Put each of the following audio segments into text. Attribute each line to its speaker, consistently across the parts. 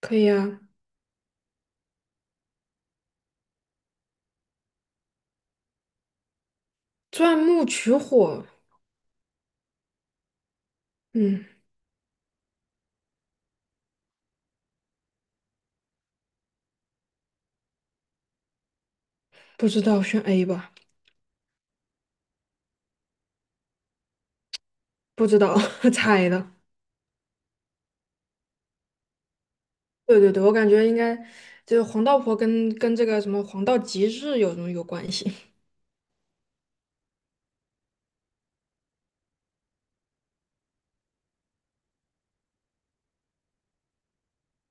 Speaker 1: 可以啊。钻木取火。嗯，不知道选 A 吧。不知道 猜的。对对对，我感觉应该就是黄道婆跟这个什么黄道吉日有什么有关系？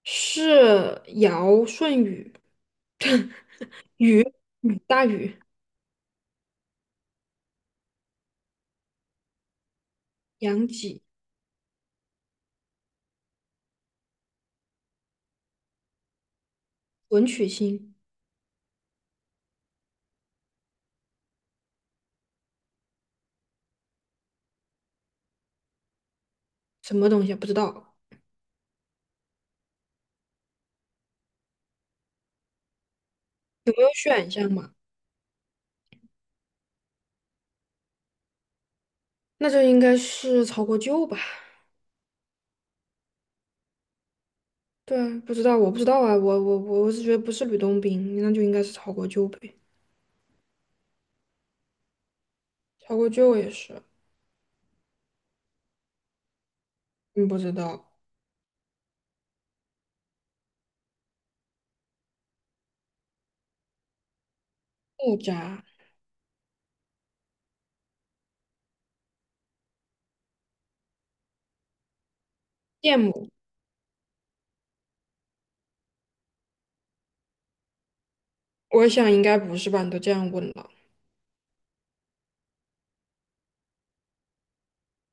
Speaker 1: 是尧舜禹。禹大禹。杨己。文曲星。什么东西啊不知道。有没有选项嘛？那就应该是曹国舅吧？对啊，不知道，我不知道啊，我是觉得不是吕洞宾，那就应该是曹国舅呗。曹国舅也是。嗯，不知道。木渣。羡慕。我想应该不是吧？你都这样问了。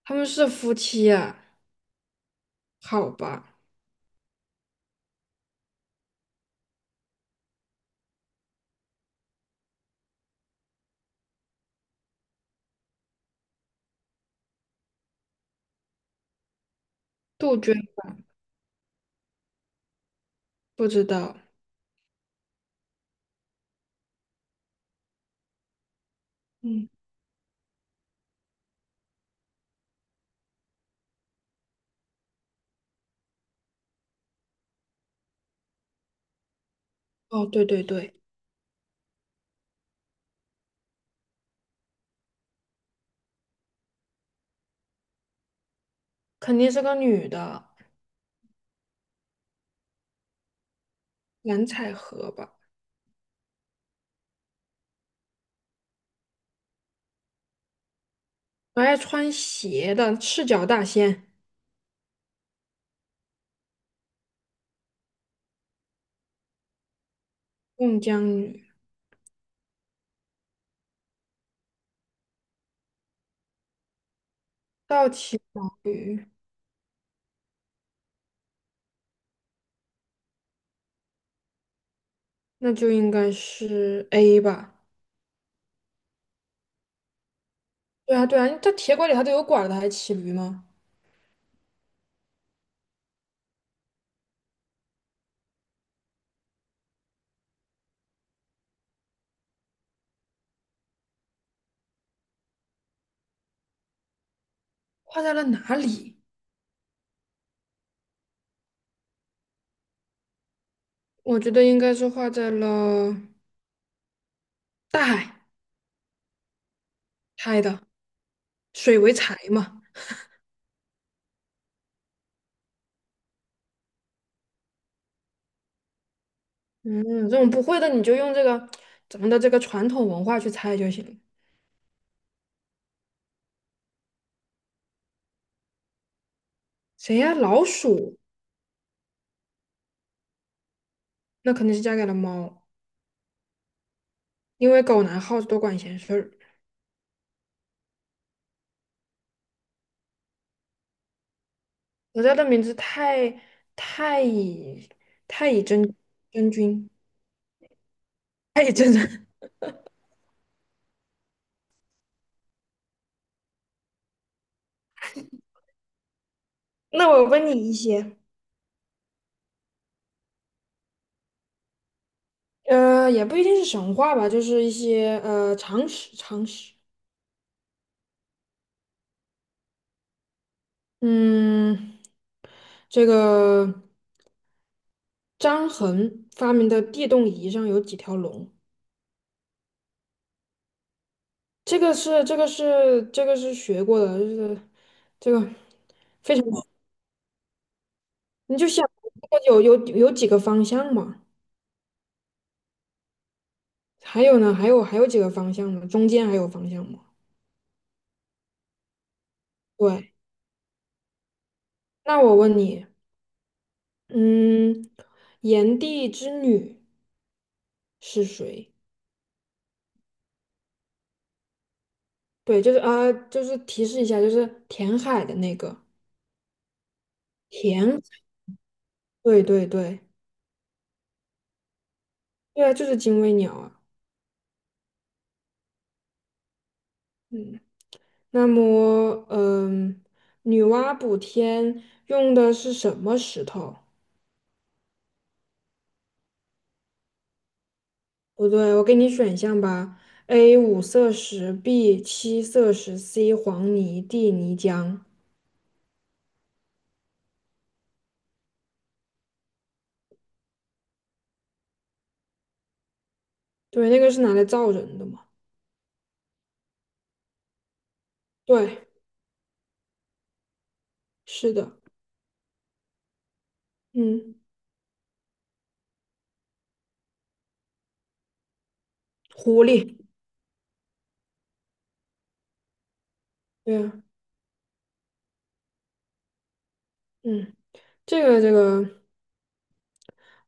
Speaker 1: 他们是夫妻啊？好吧。杜鹃。不知道。嗯。哦，对对对。肯定是个女的。蓝采和吧？还穿鞋的赤脚大仙。孟姜女。倒骑毛驴。那就应该是 A 吧？对啊对啊，他铁拐李他都有拐了，他还骑驴吗？画在了哪里？我觉得应该是画在了大海。猜的。水为财嘛。嗯，这种不会的你就用这个咱们的这个传统文化去猜就行。谁呀？老鼠。那肯定是嫁给了猫。因为狗拿耗子多管闲事儿。我家的名字太太乙太乙真真君。太乙真人。那我问你一些。也不一定是神话吧，就是一些常识。嗯，这个张衡发明的地动仪上有几条龙？这个是学过的，就是这个非常，你就想有几个方向嘛？还有呢？还有几个方向嘛？中间还有方向吗？对。那我问你。嗯，炎帝之女是谁？对，就是提示一下，就是填海的那个填。对对对。对啊，就是精卫鸟啊。嗯，那么嗯。女娲补天用的是什么石头？不对，我给你选项吧：A 五色石，B 七色石，C 黄泥，D 泥浆。对，那个是拿来造人的嘛？对，是的。嗯，狐狸。对呀。嗯，这个，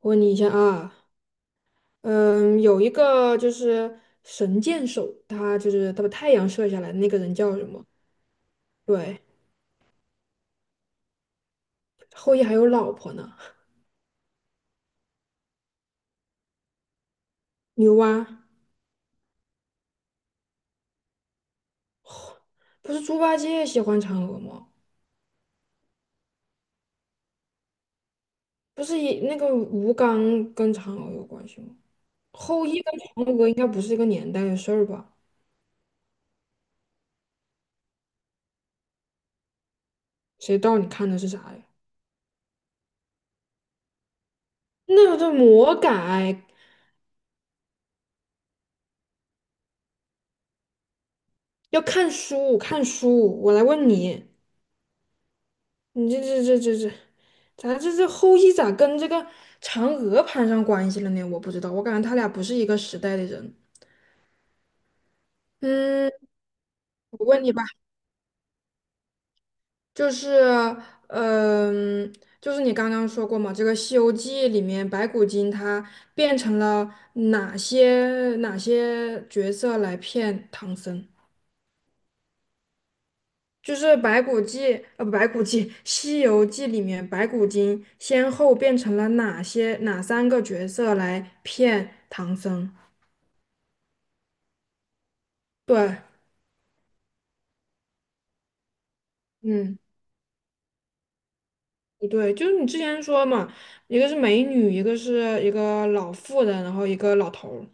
Speaker 1: 我问你一下啊。嗯，有一个就是神箭手，他就是他把太阳射下来的那个人叫什么？对。后羿还有老婆呢？牛蛙。不是猪八戒喜欢嫦娥吗？不是也那个吴刚跟嫦娥有关系吗？后羿跟嫦娥应该不是一个年代的事儿吧？谁知道你看的是啥呀？那个叫魔改。要看书，看书。我来问你。你这，咱这后羿咋跟这个嫦娥攀上关系了呢？我不知道，我感觉他俩不是一个时代的人。嗯，我问你吧。就是，嗯、就是你刚刚说过嘛，这个《西游记》里面白骨精她变成了哪些角色来骗唐僧？就是白骨记，不白骨记，《西游记》里面白骨精先后变成了哪些哪三个角色来骗唐僧？对。嗯。不对，就是你之前说嘛，一个是美女，一个是一个老妇人，然后一个老头儿。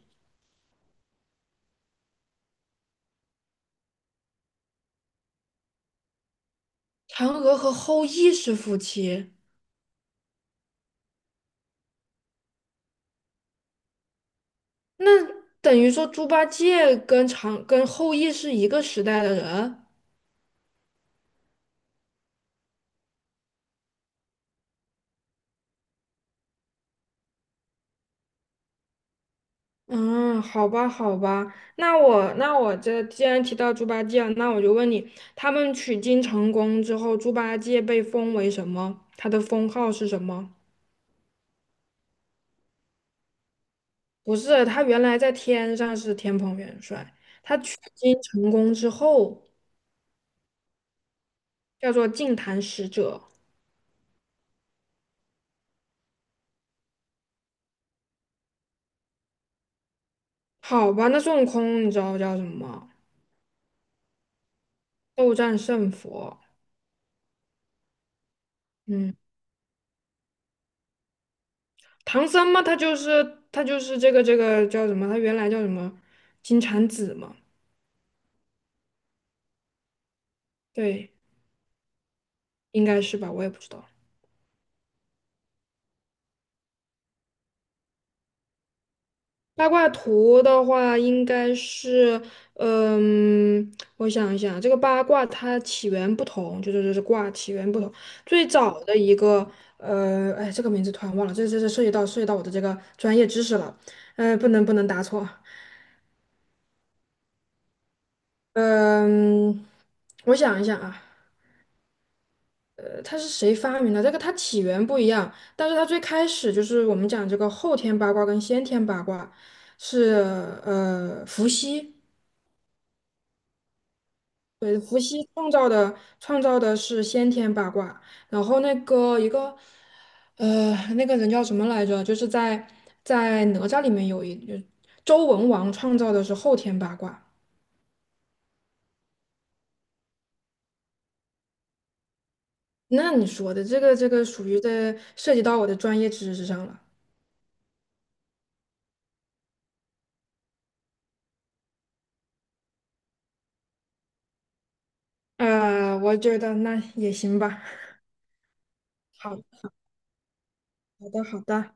Speaker 1: 嫦娥和后羿是夫妻。那等于说猪八戒跟后羿是一个时代的人。嗯，好吧，好吧。那我这既然提到猪八戒了，那我就问你，他们取经成功之后，猪八戒被封为什么？他的封号是什么？不是，他原来在天上是天蓬元帅，他取经成功之后叫做净坛使者。好吧，那孙悟空你知道叫什么？斗战胜佛。嗯，唐僧嘛，他就是这个叫什么？他原来叫什么？金蝉子嘛。对。应该是吧，我也不知道。八卦图的话，应该是。嗯，我想一想，这个八卦它起源不同，就是卦起源不同。最早的一个，哎，这个名字突然忘了，这涉及到我的这个专业知识了。不能答错。嗯，我想一想啊。它是谁发明的？这个它起源不一样，但是它最开始就是我们讲这个后天八卦跟先天八卦是伏羲。对，伏羲创造的是先天八卦，然后那个一个，那个人叫什么来着？就是在哪吒里面就周文王创造的是后天八卦。那你说的这个属于的涉及到我的专业知识上了。我觉得那也行吧。好，好的，好的。